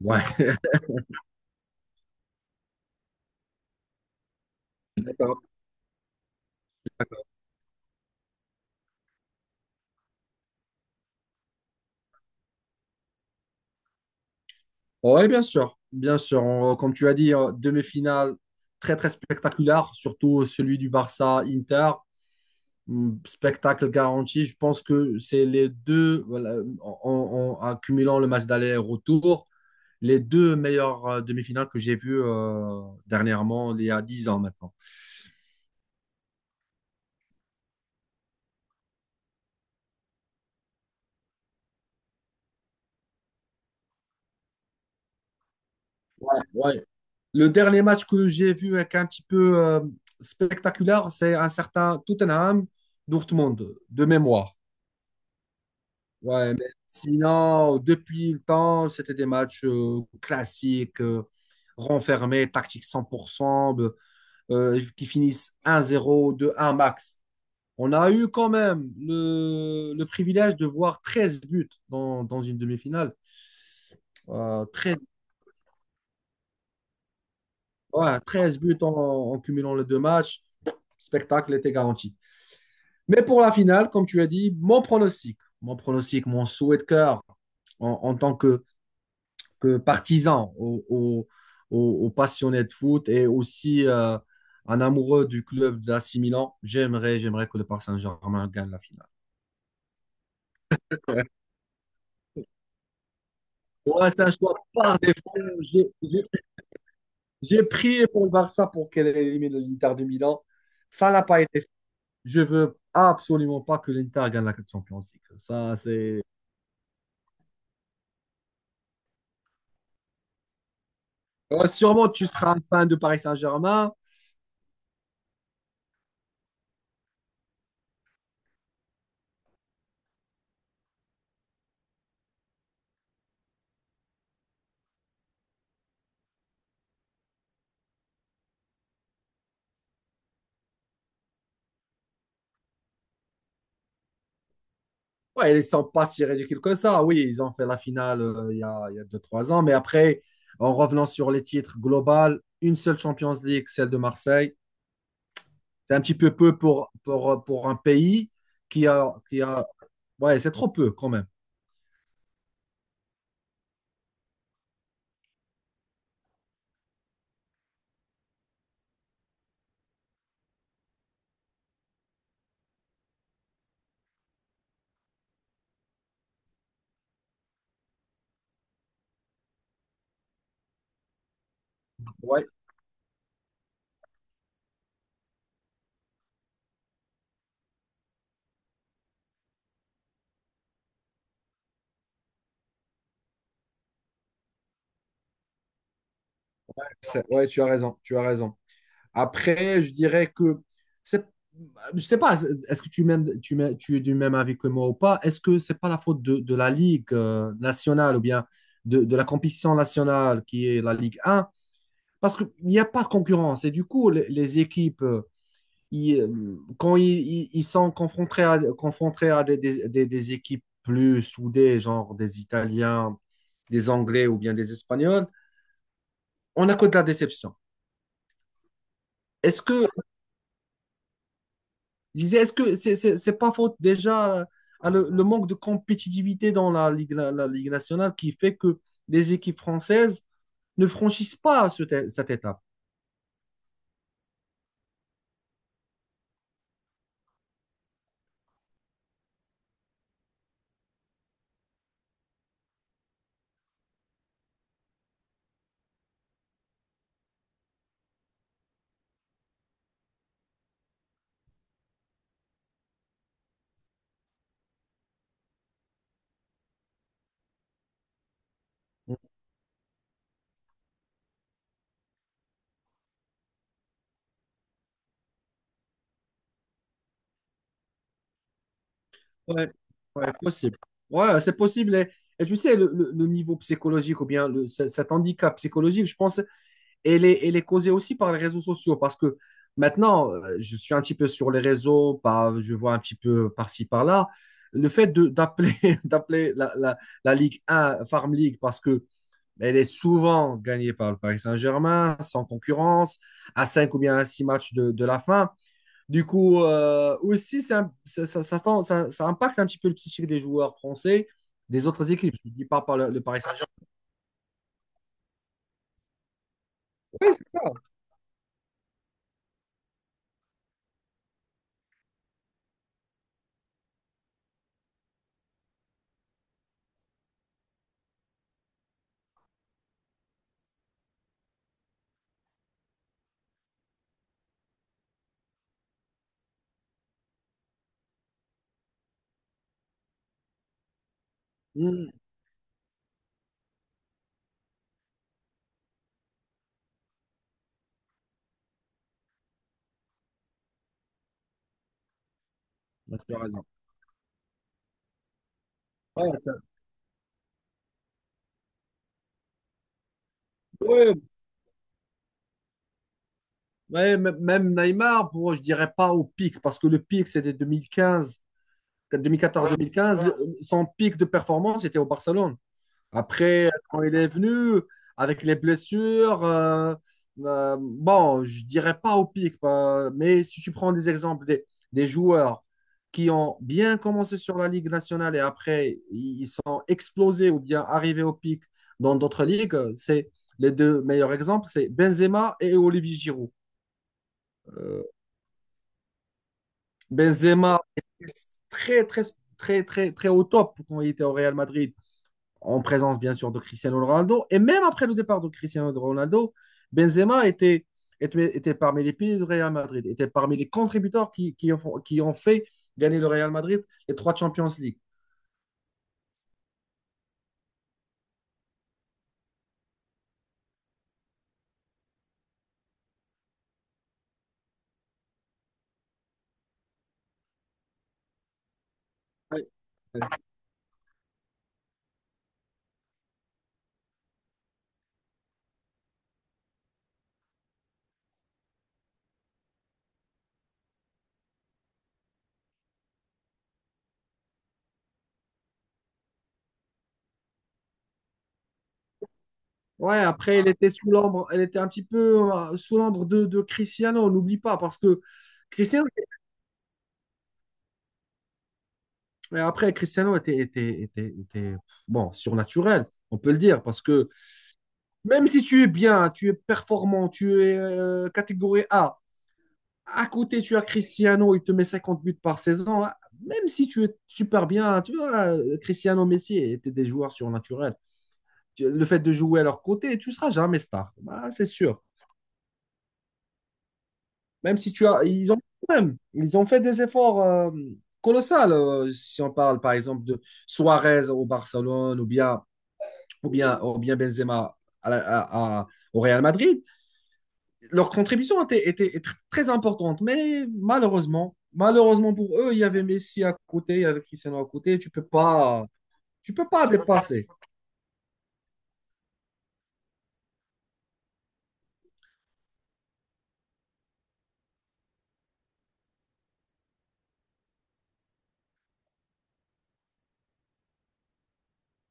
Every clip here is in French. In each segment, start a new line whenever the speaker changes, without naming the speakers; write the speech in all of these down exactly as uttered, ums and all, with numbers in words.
Ouais. D'accord. Ouais, bien sûr, bien sûr. On- comme tu as dit, euh, demi-finale très très spectaculaire, surtout celui du Barça-Inter. Hum, Spectacle garanti. Je pense que c'est les deux, voilà, en, en- en accumulant le match d'aller-retour, les deux meilleures euh, demi-finales que j'ai vues euh, dernièrement, il y a dix ans maintenant. Ouais. Le dernier match que j'ai vu avec un petit peu euh, spectaculaire, c'est un certain Tottenham-Dortmund, de mémoire. Ouais, mais sinon, depuis le temps, c'était des matchs euh, classiques, euh, renfermés, tactique cent pour cent, de- euh, qui finissent un zéro, deux un max. On a eu quand même le, le privilège de voir treize buts dans, dans une demi-finale. Euh, treize, ouais, treize buts en, en cumulant les deux matchs. Spectacle était garanti. Mais pour la finale, comme tu as dit, mon pronostic, mon pronostic, mon souhait de cœur en, en tant que que partisan, aux, aux- aux- aux passionnés de foot et aussi euh, un amoureux du club d'A C Milan, j'aimerais, j'aimerais que le Paris Saint-Germain gagne la finale. Ouais, c'est un choix par défaut. J'ai j'ai- j'ai prié pour le Barça pour qu'elle élimine l'Inter de Milan. Ça n'a pas été fait. Je veux absolument pas que l'Inter gagne la Champions League. Ça, c'est... Ouais, sûrement, tu seras un fan de Paris Saint-Germain. Ouais, ils sont pas si ridicules que ça. Oui, ils ont fait la finale euh, il y a, il y a deux, trois ans. Mais après, en revenant sur les titres globaux, une seule Champions League, celle de Marseille. C'est un petit peu peu pour, pour, pour un pays qui a, qui a... Ouais, c'est trop peu quand même. Ouais, c'est- ouais, tu as raison, tu as raison. Après, je dirais que c'est, je sais pas, est-ce que tu m'aimes- tu m'aimes- tu es du même avis que moi ou pas? Est-ce que c'est pas la faute de, de la Ligue euh, nationale ou bien de, de la compétition nationale qui est la Ligue un? Parce qu'il n'y a pas de concurrence. Et du coup, les, les équipes, euh, ils, euh, quand ils, ils- ils sont confrontés à, confrontés à des, des- des- des équipes plus soudées, genre des Italiens, des Anglais ou bien des Espagnols, on a que de la déception. Est-ce que, je disais, est-ce que c'est, c'est- c'est pas faute déjà à le, le manque de compétitivité dans la Ligue, la, la Ligue nationale qui fait que les équipes françaises ne franchissent pas ce- cette étape? Ouais, ouais, possible. Ouais, c'est possible. Et, et tu sais, le, le- le niveau psychologique ou bien le, ce- cet handicap psychologique, je pense, elle est, elle est causée aussi par les réseaux sociaux parce que maintenant, euh, je suis un petit peu sur les réseaux, par- je vois un petit peu par-ci, par-là. Le fait de- d'appeler d'appeler la, la, la Ligue un Farm League parce que elle est souvent gagnée par le Paris Saint-Germain, sans concurrence, à cinq ou bien à six matchs de, de la fin. Du coup, euh, aussi, ça, ça, ça- ça tend- ça- ça impacte un petit peu le psychique des joueurs français des autres équipes. Je ne dis pas par le, le Paris Saint-Germain. Oui, c'est ça. Mmh, bah, c'est raison. Ouais, ça- ouais, ouais, m- même Neymar, pour, je dirais pas au pic, parce que le pic, c'était deux mille quinze, deux mille quatorze-deux mille quinze. Son pic de performance était au Barcelone. Après, quand il est venu, avec les blessures, euh, euh, bon, je dirais pas au pic, pas- mais si tu prends des exemples des, des joueurs qui ont bien commencé sur la Ligue nationale et après ils sont explosés ou bien arrivés au pic dans d'autres ligues, c'est les deux meilleurs exemples, c'est Benzema et Olivier Giroud. Euh, Benzema était très, très, très, très, très au top quand il était au Real Madrid. En présence bien sûr de Cristiano Ronaldo. Et même après le départ de Cristiano Ronaldo, Benzema était, était, était parmi les piliers du Real Madrid, était parmi les contributeurs qui, qui, ont, qui ont fait gagner le Real Madrid les trois Champions League. Ouais, après, elle était sous l'ombre, elle était un petit peu euh, sous l'ombre de, de Cristiano, on n'oublie pas, parce que Cristiano, mais après, Cristiano était, était, était, était, bon, surnaturel, on peut le dire, parce que même si tu es bien, tu es performant, tu es euh, catégorie A, À côté, tu as Cristiano, il te met cinquante buts par saison. Hein. Même si tu es super bien, tu vois, Cristiano Messi étaient des joueurs surnaturels. Tu- Le fait de jouer à leur côté, tu seras jamais star. Bah, c'est sûr. Même si tu as, ils ont même, ils ont fait des efforts euh, colossaux. Euh, si on parle par exemple de Suarez au Barcelone ou bien ou bien ou bien Benzema à la- à- à- au Real Madrid. Leur contribution était, était, était très importante, mais malheureusement, malheureusement pour eux, il y avait Messi à côté, il y avait Cristiano à côté, tu peux pas, tu peux pas dépasser.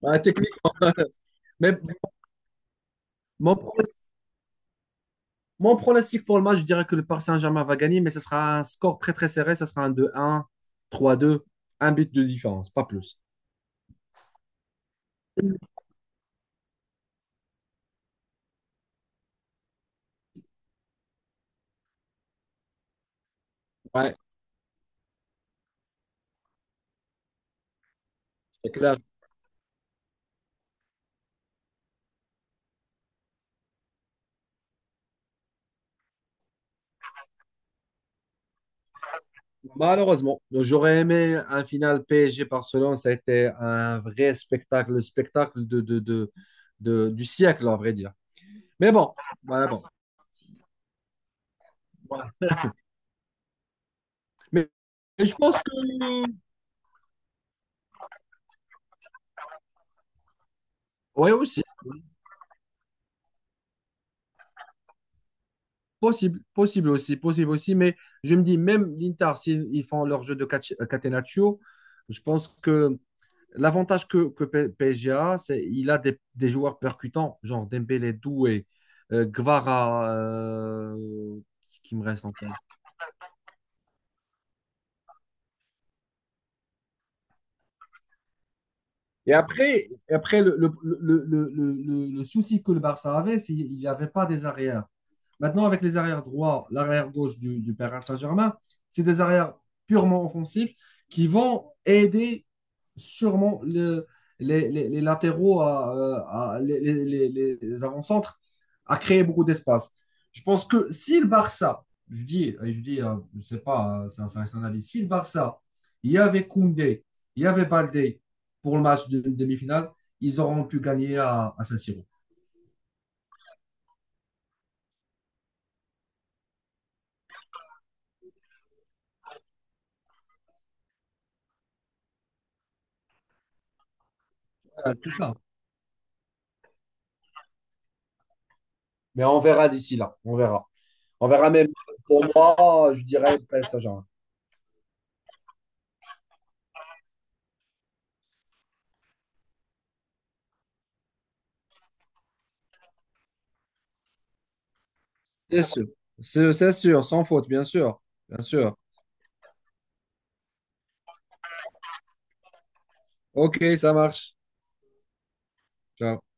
Bah, techniquement. Mais mon, pronostic- mon pronostic pour le match, je dirais que le Paris Saint-Germain va gagner, mais ce sera un score très très serré, ce sera un deux un trois deux un but de différence, pas plus. Ouais, c'est clair. Malheureusement, j'aurais aimé un final P S G-Barcelone, ça a été un vrai spectacle, le spectacle de, de, de, de- du siècle, à vrai dire. Mais bon, voilà, bon. Mais, mais je pense que, ouais aussi, possible, possible aussi, possible aussi. Mais je me dis, même l'Inter, s'ils ils font leur jeu de catch- euh, Catenaccio, je pense que l'avantage que, que P- PSG a, c'est qu'il a des, des joueurs percutants, genre Dembélé, Doué, euh, Gvara, euh, qui qui me reste encore. Et après, et après le, le, le, le, le- le souci que le Barça avait, c'est qu'il n'y avait pas des arrières. Maintenant, avec les arrières droits, l'arrière gauche du, du Paris Saint-Germain, c'est des arrières purement offensifs qui vont aider sûrement le- les, les- les latéraux, à, euh, à- les, les- les- les avant-centres, à créer beaucoup d'espace. Je pense que si le Barça, je dis, je dis, euh, je ne sais pas, euh, ça, ça reste un avis, si le Barça, il y avait Koundé, il y avait Baldé, pour le match de demi-finale, ils auront pu gagner à, à Saint-Siro. Voilà, c'est ça. Mais on verra d'ici là. On verra. On verra. Même pour moi, je dirais Paris Saint-Germain. C'est sûr. C'est c'est sûr, sans faute, bien sûr. Bien sûr. Ok, ça marche. Ciao.